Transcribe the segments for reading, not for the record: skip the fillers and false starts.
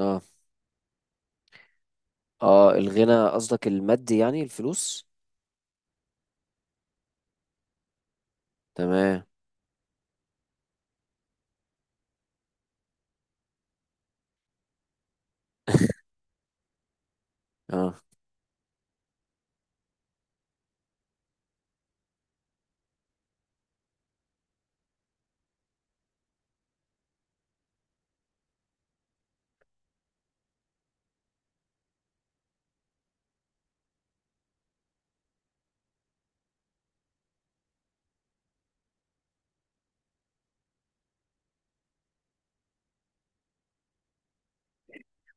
اه. اه، الغنى قصدك المادي، يعني الفلوس. تمام. اه،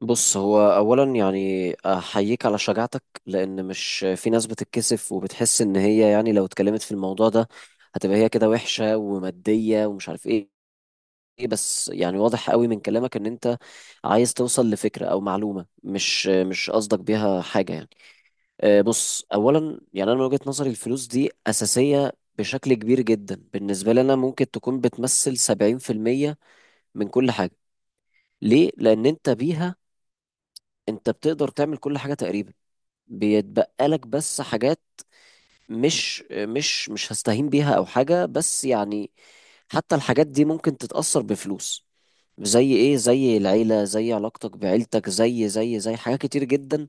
بص، هو اولا يعني احييك على شجاعتك، لان مش في ناس بتتكسف وبتحس ان هي يعني لو اتكلمت في الموضوع ده هتبقى هي كده وحشة ومادية ومش عارف ايه. إيه بس يعني واضح قوي من كلامك ان انت عايز توصل لفكرة او معلومة، مش قصدك بيها حاجة يعني. بص اولا يعني انا من وجهة نظري الفلوس دي اساسية بشكل كبير جدا بالنسبة لنا، ممكن تكون بتمثل 70% من كل حاجة. ليه؟ لان انت بيها، انت بتقدر تعمل كل حاجة تقريبا. بيتبقى لك بس حاجات مش هستهين بيها او حاجة، بس يعني حتى الحاجات دي ممكن تتأثر بفلوس. زي ايه؟ زي العيلة، زي علاقتك بعيلتك، زي حاجات كتير جدا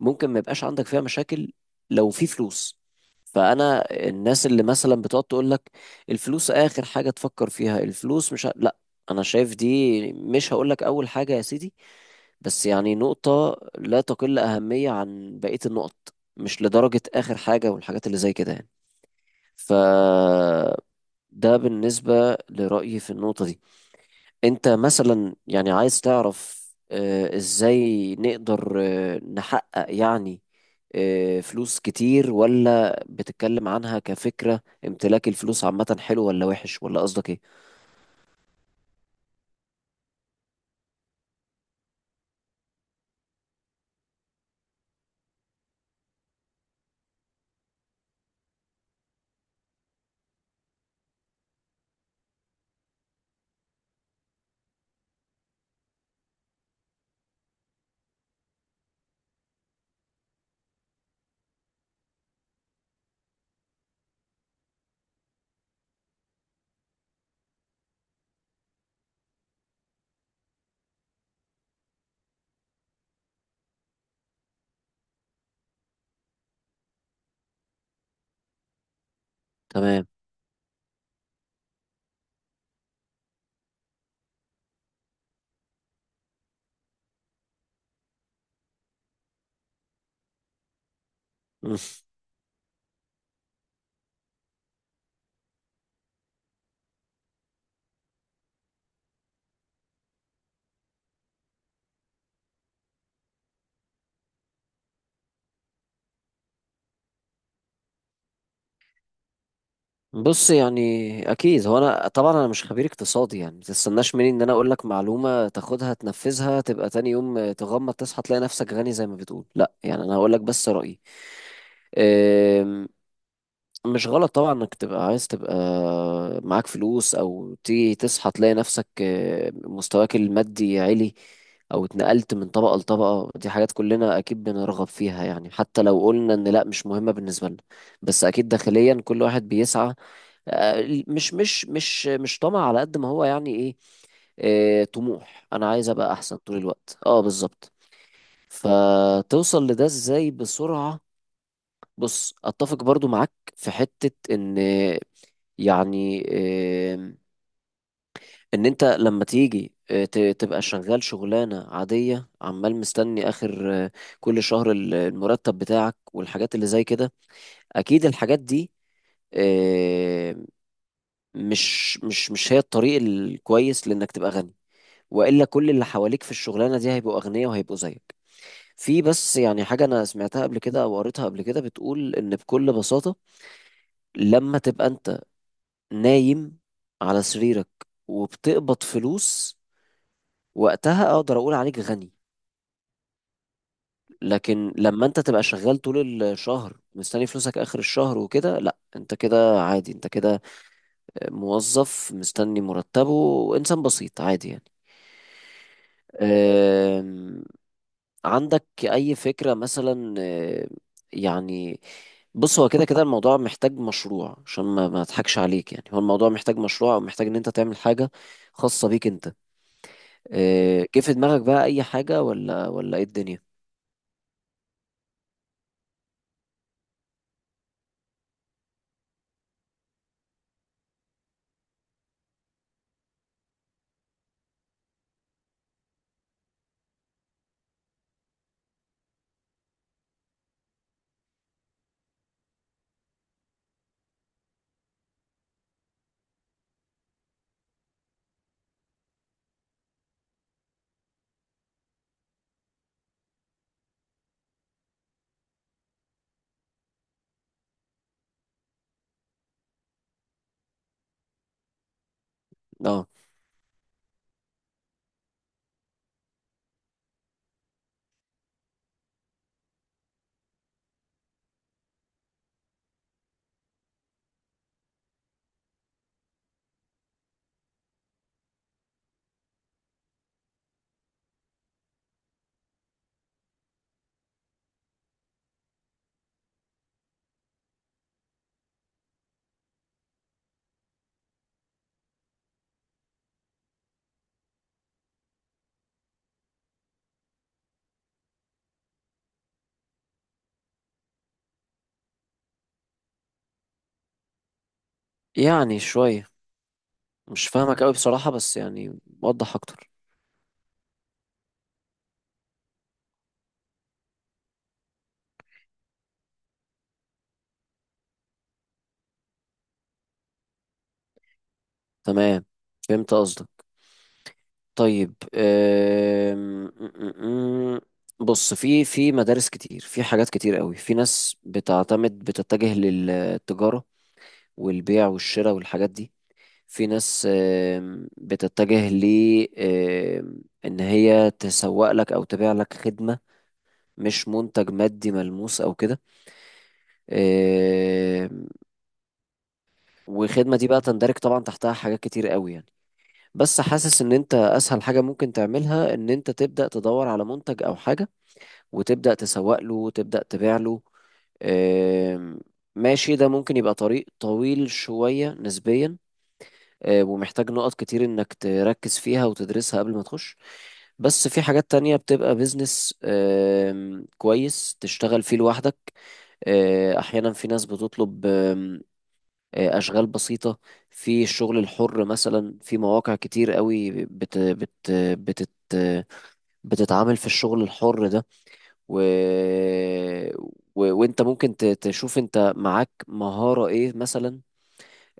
ممكن ما يبقاش عندك فيها مشاكل لو في فلوس. فانا الناس اللي مثلا بتقعد تقول لك الفلوس اخر حاجه تفكر فيها، الفلوس مش لا، انا شايف دي، مش هقول لك اول حاجه يا سيدي، بس يعني نقطه لا تقل اهميه عن بقيه النقط، مش لدرجه اخر حاجه والحاجات اللي زي كده يعني. ف ده بالنسبه لرايي في النقطه دي. انت مثلا يعني عايز تعرف ازاي نقدر نحقق يعني فلوس كتير، ولا بتتكلم عنها كفكرة؟ امتلاك الفلوس عامة حلو ولا وحش ولا قصدك ايه؟ تمام. مم. بص يعني اكيد، هو انا طبعا انا مش خبير اقتصادي يعني، ما تستناش مني ان انا اقول لك معلومة تاخدها تنفذها تبقى تاني يوم تغمض تصحى تلاقي نفسك غني زي ما بتقول، لا، يعني انا هقول لك بس رأيي. مش غلط طبعا انك تبقى عايز تبقى معاك فلوس، او تيجي تصحى تلاقي نفسك مستواك المادي عالي، او اتنقلت من طبقة لطبقة، دي حاجات كلنا اكيد بنرغب فيها يعني، حتى لو قلنا ان لا، مش مهمة بالنسبة لنا، بس اكيد داخليا كل واحد بيسعى. مش طمع، على قد ما هو يعني ايه، طموح. انا عايز ابقى احسن طول الوقت. اه، بالظبط. فتوصل لده ازاي بسرعة؟ بص، اتفق برضو معاك في حتة ان يعني آم، ان انت لما تيجي تبقى شغال شغلانة عادية، عمال مستني اخر كل شهر المرتب بتاعك والحاجات اللي زي كده، اكيد الحاجات دي آه، مش هي الطريق الكويس لانك تبقى غني، والا كل اللي حواليك في الشغلانة دي هيبقوا اغنياء وهيبقوا زيك. في بس يعني حاجة أنا سمعتها قبل كده أو قريتها قبل كده، بتقول إن بكل بساطة لما تبقى أنت نايم على سريرك وبتقبض فلوس، وقتها اقدر اقول عليك غني. لكن لما انت تبقى شغال طول الشهر مستني فلوسك اخر الشهر وكده، لا، انت كده عادي، انت كده موظف مستني مرتبه، وانسان بسيط عادي يعني. أم، عندك اي فكرة مثلا؟ يعني بص، هو كده كده الموضوع محتاج مشروع، عشان ما اضحكش عليك يعني، هو الموضوع محتاج مشروع او محتاج ان انت تعمل حاجة خاصة بيك انت. إيه، جه في دماغك بقى اي حاجة ولا ايه الدنيا؟ اه، يعني شوية مش فاهمك قوي بصراحة، بس يعني وضح اكتر. تمام، فهمت قصدك. طيب. أم، أم، أم. بص، في في مدارس كتير، في حاجات كتير قوي، في ناس بتعتمد بتتجه للتجارة والبيع والشراء والحاجات دي. في ناس بتتجه ل ان هي تسوق لك او تبيع لك خدمة، مش منتج مادي ملموس او كده. آم، وخدمة دي بقى تندرج طبعا تحتها حاجات كتير قوي يعني، بس حاسس ان انت اسهل حاجة ممكن تعملها ان انت تبدأ تدور على منتج او حاجة، وتبدأ تسوق له وتبدأ تبيع له. آم، ماشي، ده ممكن يبقى طريق طويل شوية نسبيا، ومحتاج نقط كتير انك تركز فيها وتدرسها قبل ما تخش. بس في حاجات تانية بتبقى بيزنس كويس تشتغل فيه لوحدك. احيانا في ناس بتطلب أشغال بسيطة. في الشغل الحر مثلا في مواقع كتير قوي بت بت بتت بتتعامل في الشغل الحر ده. و... وانت ممكن تشوف انت معاك مهارة ايه مثلا.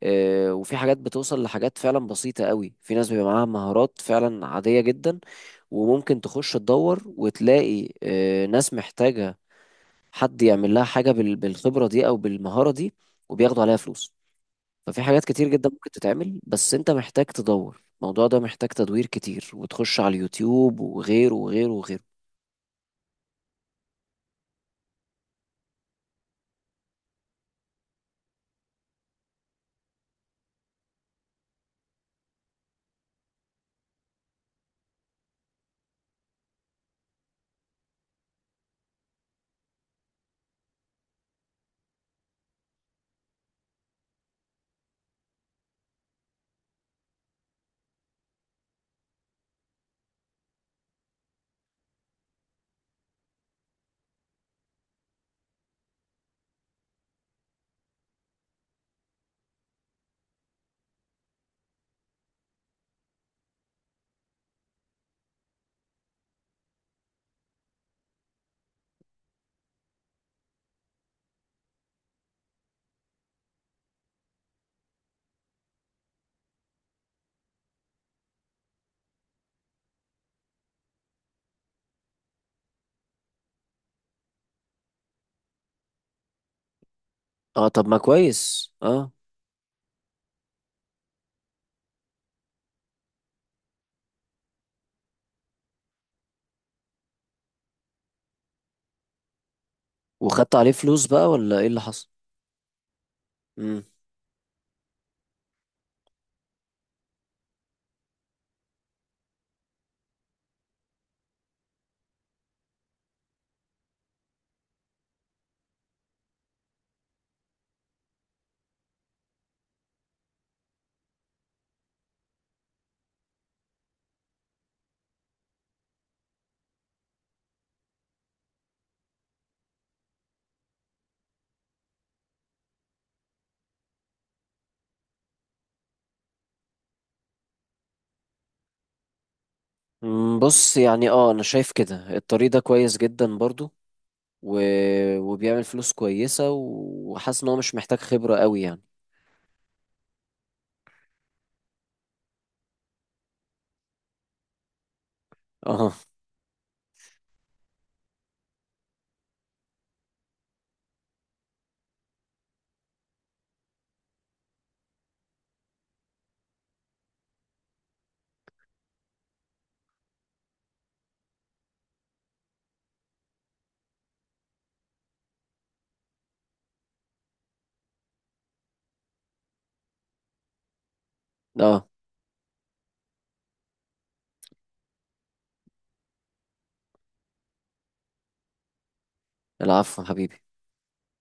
وفي حاجات بتوصل لحاجات فعلا بسيطة قوي، في ناس بيبقى معاها مهارات فعلا عادية جدا، وممكن تخش تدور وتلاقي ناس محتاجة حد يعمل لها حاجة بالخبرة دي أو بالمهارة دي، وبياخدوا عليها فلوس. ففي حاجات كتير جدا ممكن تتعمل، بس انت محتاج تدور، الموضوع ده محتاج تدوير كتير وتخش على اليوتيوب وغيره وغيره وغيره. اه، طب ما كويس. اه، وخدت عليه فلوس بقى ولا ايه اللي حصل؟ مم. مم، بص يعني، اه، انا شايف كده الطريق ده كويس جدا برضو، و... وبيعمل فلوس كويسة، وحاسس ان هو مش محتاج خبرة قوي يعني. اه. اه، العفو حبيبي.